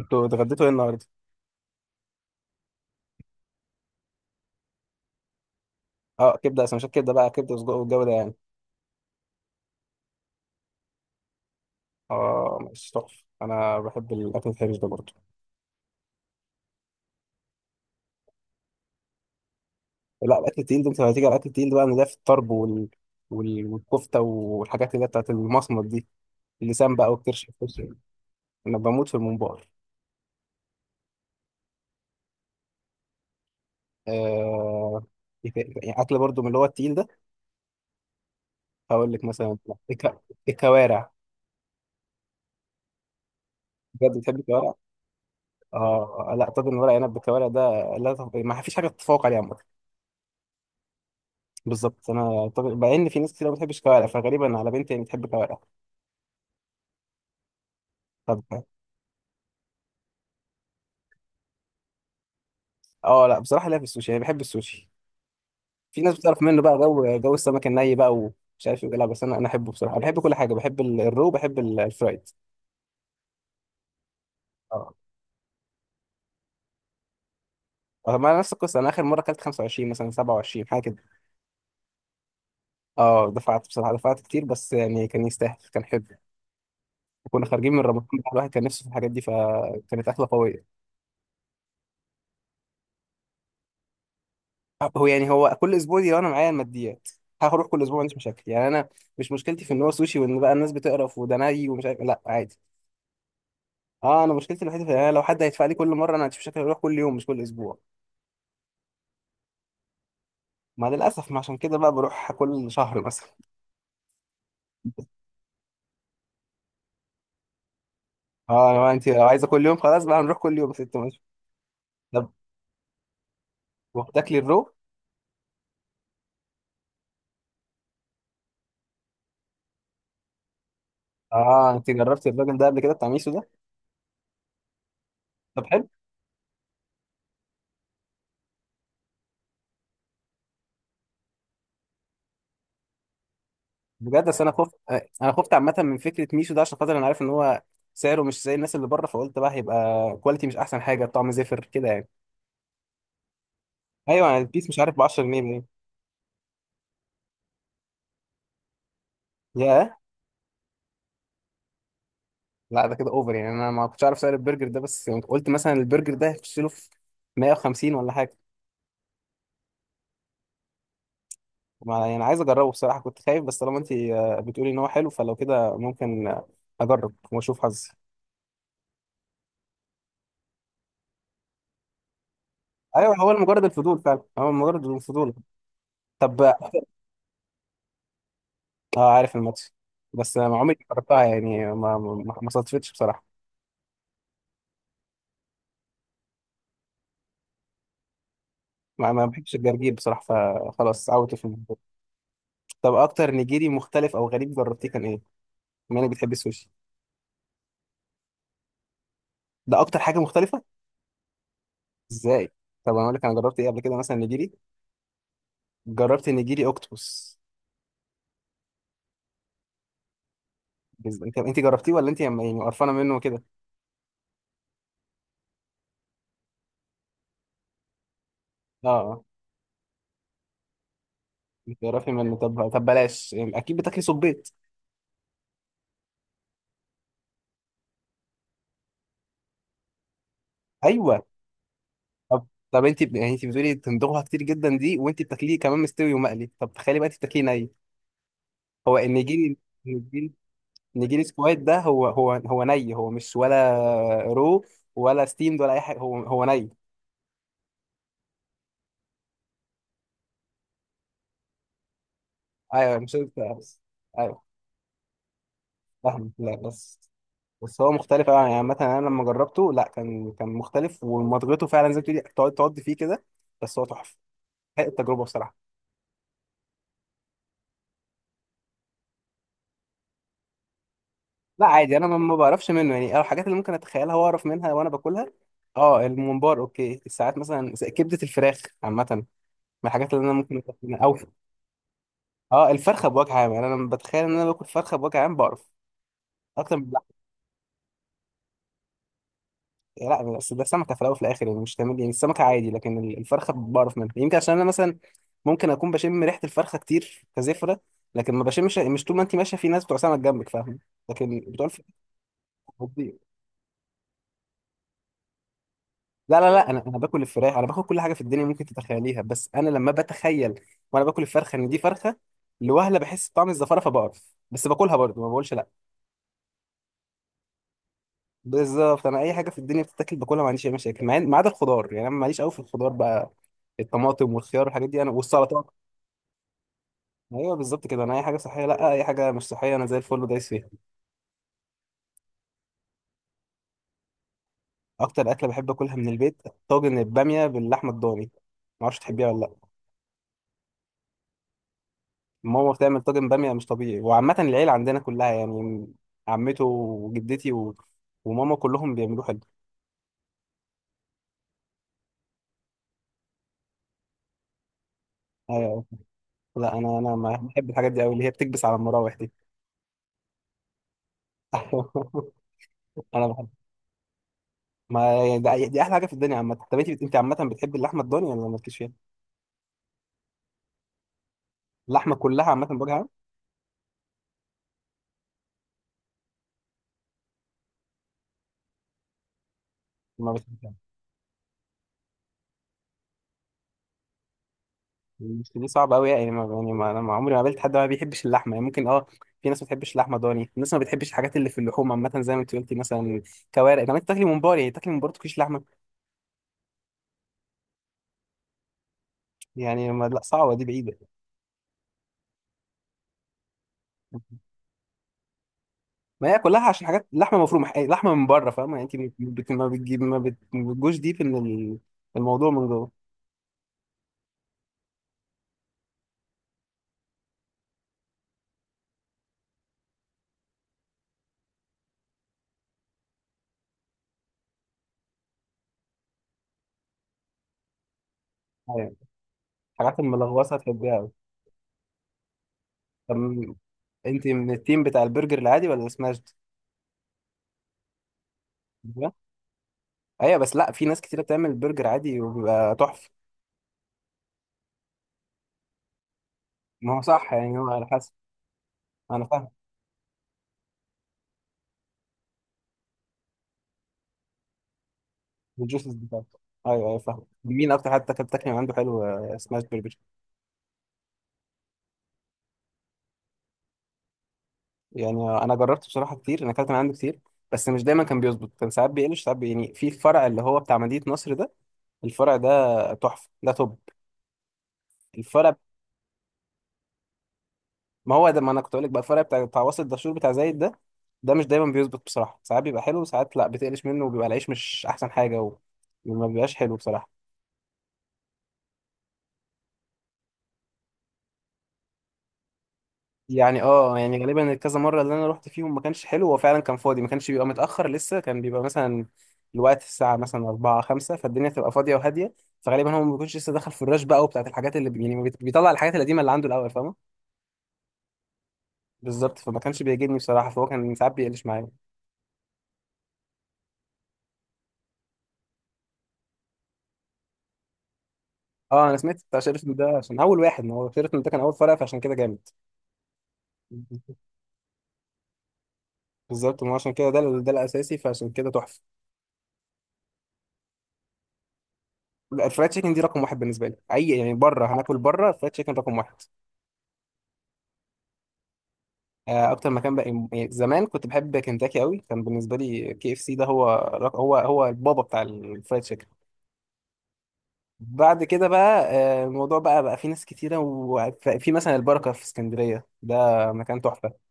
انتوا اتغديتوا ايه النهارده؟ اه، كبده، سندوتشات كبده بقى كبده وسجق، والجو ده يعني. اه، ماشي تحفه، انا بحب الاكل الحرش ده برضه. لا، الاكل التقيل ده انت لو هتيجي على الاكل التقيل ده بقى، إن ده في الطرب والكفته والحاجات اللي هي بتاعت المصمت دي، اللسان بقى والكرش الكرش. انا بموت في الممبار. آه... إيه يعني اكل برضه من اللي هو التقيل ده. هقول لك مثلا الك... الكوارع. بجد بتحب الكوارع؟ اه، لا طاجن ورق عنب بالكوارع ده، لا ما فيش حاجه تتفوق عليه عامه. بالظبط، انا طب مع ان في ناس كتير ما بتحبش كوارع، فغالبا على بنتي يعني بتحب كوارع. طب، اه لا بصراحه، لا في السوشي، يعني بحب السوشي. في ناس بتعرف منه بقى جو جو السمك الني بقى، ومش عارف ايه، لا بس انا احبه بصراحه، بحب كل حاجه، بحب الرو، بحب الفرايد. اه ما نفس القصه، انا اخر مره اكلت 25 مثلا 27 حاجه كده. اه، دفعت بصراحه، دفعت كتير بس يعني كان يستاهل، كان حلو. وكنا خارجين من رمضان بقى، الواحد كان نفسه في الحاجات دي، فكانت اكله قويه. هو يعني هو كل اسبوع دي لو انا معايا الماديات، هروح كل اسبوع، ما عنديش مشاكل، يعني انا مش مشكلتي في ان هو سوشي، وان بقى الناس بتقرف وده ني ومش عارف، لا عادي. اه، انا مشكلتي الوحيده في يعني لو حد هيدفع لي كل مره انا ما عنديش مشاكل، اروح كل يوم مش كل اسبوع. ما للاسف ما عشان كده بقى بروح كل شهر مثلا. اه، لو انت عايزه كل يوم، خلاص بقى هنروح كل يوم ست، ماشي. طب، وبتاكلي الرو. اه، انت جربتي الراجل ده قبل كده بتاع ميسو ده؟ طب حلو. بجد، اصل انا خفت، انا خفت عامه من فكره ميشو ده، عشان خاطر انا عارف ان هو سعره مش زي الناس اللي بره، فقلت بقى هيبقى كواليتي مش احسن حاجه، طعم زفر كده يعني. ايوه، أنا البيس مش عارف ب 10 جنيه باين. ياه. لا، ده كده اوفر يعني، انا ما كنتش عارف سعر البرجر ده، بس يعني قلت مثلا البرجر ده هيخش له في 150 ولا حاجه. ما يعني عايز اجربه بصراحه، كنت خايف، بس طالما انت بتقولي ان هو حلو، فلو كده ممكن اجرب واشوف حظي. ايوه، هو مجرد الفضول فعلا، هو مجرد الفضول. طب. اه، عارف الماتش، بس ما عمري ما جربتها، يعني ما صادفتش بصراحه. ما بحبش الجرجير بصراحه، فخلاص عودت في الموضوع. طب، اكتر نيجيري مختلف او غريب جربتيه كان ايه؟ بما انك بتحب السوشي، ده اكتر حاجه مختلفه. ازاي؟ طب انا اقول لك انا جربت ايه قبل كده مثلا نيجيري. جربت نيجيري اوكتوبس. انت جربتيه ولا انت يعني قرفانه منه كده؟ اه اه، انت قرفانه منه. طب طب بلاش يعني، اكيد بتاكلي صبيط. ايوه. طب طب انت يعني انت بتقولي تندوها كتير جدا دي، وانت بتاكليه كمان مستوي ومقلي، طب تخيلي بقى انت بتاكليه ني. هو النجيلي. النجيلي. النجيلي سكواد ده هو ني، هو مش ولا رو، ولا ستيمد، ولا اي حاجه، هو ني. ايوه، مش انت بس. ايوه فاهم، لا بس، بس هو مختلف أوي. يعني مثلا انا لما جربته لا كان مختلف، ومضغته فعلا زي ما بتقولي، تقعد تقعد فيه كده، بس هو تحفه، حقيقة التجربه بصراحه. لا عادي، انا ما بعرفش منه يعني، أو الحاجات اللي ممكن اتخيلها واعرف منها وانا باكلها. اه الممبار اوكي، الساعات مثلا زي كبده الفراخ عامه، من الحاجات اللي انا ممكن أتخيلها. او اه، الفرخه بوجه عام، يعني انا لما بتخيل ان انا باكل فرخه بوجه عام بعرف اكتر من اللحمه. لا، بس ده سمكه في الاول وفي الاخر، يعني مش تمام، يعني السمكه عادي، لكن الفرخه بعرف منها، يمكن عشان انا مثلا ممكن اكون بشم ريحه الفرخه كتير كزفره، لكن ما بشمش مش طول ما انت ماشيه في ناس بتوع سمك جنبك فاهم، لكن بتوع الفراخ بتضيع. لا لا لا، انا باكل الفراخ، انا باكل كل حاجه في الدنيا ممكن تتخيليها، بس انا لما بتخيل وانا باكل الفرخه ان دي فرخه، لوهله بحس بطعم الزفاره فبقرف، بس باكلها برضه ما بقولش لا. بالظبط، انا اي حاجه في الدنيا بتتاكل باكلها، ما عنديش اي مشاكل مع ما عدا الخضار، يعني انا ماليش قوي في الخضار بقى، الطماطم والخيار والحاجات دي انا والسلطات. ايوه بالظبط كده، انا اي حاجه صحيه لا، اي حاجه مش صحيه انا زي الفل ودايس فيها. اكتر اكله بحب اكلها من البيت، طاجن الباميه باللحمه الضاني. ما اعرفش تحبيها ولا لا. ماما بتعمل طاجن باميه مش طبيعي، وعامه العيله عندنا كلها يعني، عمته وجدتي وماما كلهم بيعملوه حلو. ايوه، لا انا ما بحب الحاجات دي قوي، اللي هي بتكبس على المراوح دي. انا، ما يعني ده دي احلى حاجه في الدنيا عامه. طب انت عامه بتحب اللحمه الضاني ولا مالكيش فيها، اللحمه كلها عامه بوجه عام؟ ما بتحبها؟ مش دي صعبه قوي، يعني ما يعني ما انا ما عمري ما قابلت حد ما بيحبش اللحمه، يعني ممكن اه في ناس ما بتحبش اللحمه ضاني، في ناس ما بتحبش الحاجات اللي في اللحوم عامه زي ما انت قلتي مثلا كوارع، طب انت تاكلي ممبار يعني تاكلي ممبار تاكليش لحمه، يعني ما لا صعبه دي بعيده. ما هي كلها عشان حاجات لحمه مفرومه، يعني لحمه من بره فاهمه، يعني انت ما بتجيب ما بتجوش ديب ان الموضوع من جوه. أيوة. الحاجات الملغوصه تحبيها. طب، انت من التيم بتاع البرجر العادي ولا سماشد؟ أيوة. أيوة، بس لا في ناس كتيرة بتعمل برجر عادي وبيبقى تحفة. ما هو صح يعني، هو على حسب. أنا فاهم. الجوسز بتاعته. أيوة أيوة فاهم. مين أكتر حد أكلت تاكل من عنده حلو سماش برجر؟ يعني أنا جربت بصراحة كتير، أنا أكلت من عنده كتير، بس مش دايما كان بيظبط، كان ساعات بيقلش، ساعات يعني في الفرع اللي هو بتاع مدينة نصر ده، الفرع ده تحفة، ده توب الفرع. ما هو ده، ما انا كنت اقول لك بقى، الفرق بتاع وسط الدشور بتاع زايد ده، ده مش دايما بيظبط بصراحه، ساعات بيبقى حلو وساعات لا بتقلش منه، وبيبقى العيش مش احسن حاجه، وما بيبقاش حلو بصراحه. يعني اه، يعني غالبا الكذا مره اللي انا رحت فيهم ما كانش حلو، هو فعلا كان فاضي، ما كانش بيبقى متاخر لسه، كان بيبقى مثلا الوقت الساعه مثلا 4 5، فالدنيا تبقى فاضيه وهاديه، فغالبا هو ما بيكونش لسه دخل في الرش بقى، وبتاعت الحاجات اللي يعني ما بيت- بيطلع الحاجات القديمه اللي عنده الاول فاهمه. بالظبط، فما كانش بيعجبني بصراحه، فهو كان ساعات بيقلش معايا. اه، انا سمعت بتاع شيراتون ده، عشان اول واحد، ما هو شيراتون ده كان اول فرع، فعشان كده جامد. بالظبط، ما عشان كده ده ده الاساسي، فعشان كده تحفه. لا، الفرايد تشيكن دي رقم واحد بالنسبه لي، اي يعني بره هناكل، بره فرايد تشيكن رقم واحد. اكتر مكان بقى، يعني زمان كنت بحب كنتاكي قوي، كان بالنسبه لي كي اف سي ده هو هو البابا بتاع الفرايد تشيكن. بعد كده بقى الموضوع بقى في ناس كتيره، وفي مثلا البركه في اسكندريه ده، مكان تحفه.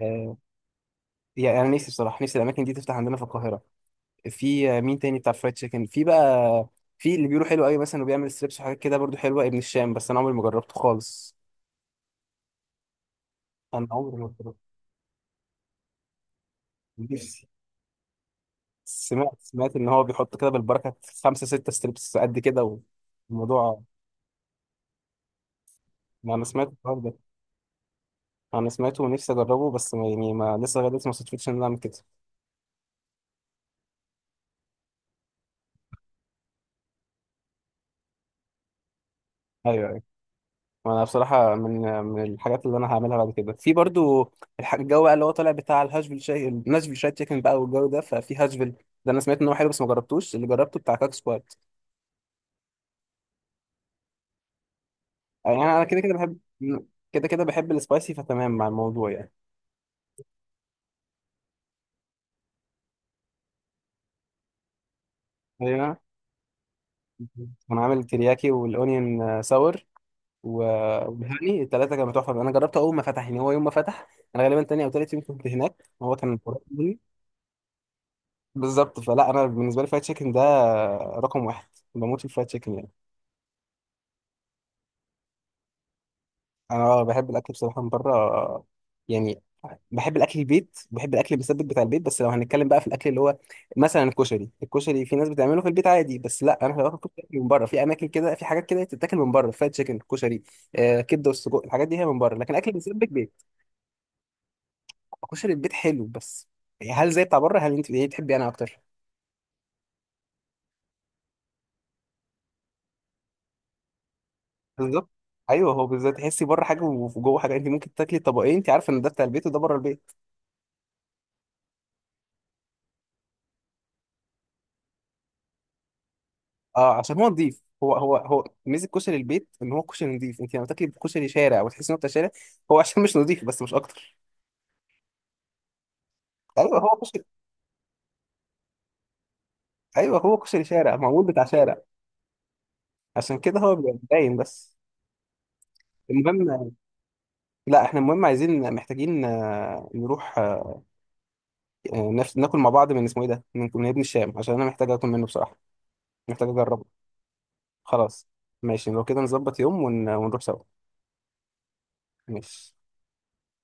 آه، يعني أنا نفسي بصراحه، نفسي الاماكن دي تفتح عندنا في القاهره. في مين تاني بتاع فرايد تشيكن في بقى؟ في اللي بيقولوا حلو قوي مثلا وبيعمل ستريبس وحاجات كده برضو حلوه، ابن الشام، بس انا عمري ما جربته خالص، انا عمري ما جربته. نفسي سمعت ان هو بيحط كده بالبركه خمسه سته ستريبس قد كده، والموضوع. ما انا سمعت الحوار ده، انا سمعته ونفسي اجربه، بس ما يعني ما لسه لغايه دلوقتي ما صدفتش ان انا اعمل كده. ايوه، انا بصراحه من الحاجات اللي انا هعملها بعد كده في برضو الجو بقى اللي هو طالع بتاع الهاشفيل شاي، الناشفيل شاي تشيكن بقى، والجو ده ففي هاشفيل ده، انا سمعت ان هو حلو بس ما جربتوش، اللي جربته بتاع كاك سكوات. يعني انا كده كده بحب، كده كده بحب السبايسي، فتمام مع الموضوع يعني. هنا، انا عامل ترياكي والاونيون ساور و- والهاني، الثلاثه كانوا تحفه، انا جربته اول ما فتح يعني، هو يوم ما فتح انا غالبا تاني او تالت يوم كنت هناك، هو كان قريب مني. بالظبط، فلا انا بالنسبه لي فرايد تشيكن ده رقم واحد، بموت في الفرايد تشيكن يعني. انا بحب الاكل بصراحه من بره يعني، بحب الاكل البيت، بحب الاكل المسبك بتاع البيت، بس لو هنتكلم بقى في الاكل اللي هو مثلا الكشري في ناس بتعمله في البيت عادي، بس لا انا باكل كشري من بره، في اماكن كده، في حاجات كده تتاكل من بره، فرايد تشيكن، كشري، آه كبده والسجق، الحاجات دي هي من بره، لكن الاكل المسبك بيت. كشري البيت حلو بس هل زي بتاع بره؟ هل انت ايه تحبي انا اكتر؟ بالظبط. ايوه، هو بالظبط، تحسي بره حاجه وجوه حاجه، انت ممكن تاكلي طبقين انت عارفه ان ده بتاع البيت وده بره البيت. اه، عشان هو نضيف، هو ميزه كشري البيت ان هو كشري نضيف، انت لما تاكلي كشري شارع وتحسي انه بتاع شارع، هو عشان مش نضيف بس مش اكتر. ايوه هو كشري. ايوه هو كشري شارع، معمول بتاع شارع، عشان كده هو بيبقى باين بس. المهم، لا احنا المهم عايزين محتاجين نروح ناكل مع بعض، من اسمه ايه ده، من ابن الشام، عشان انا محتاج اكل منه بصراحه، محتاج اجربه. خلاص. ماشي لو كده، نظبط يوم ونروح سوا. ماشي.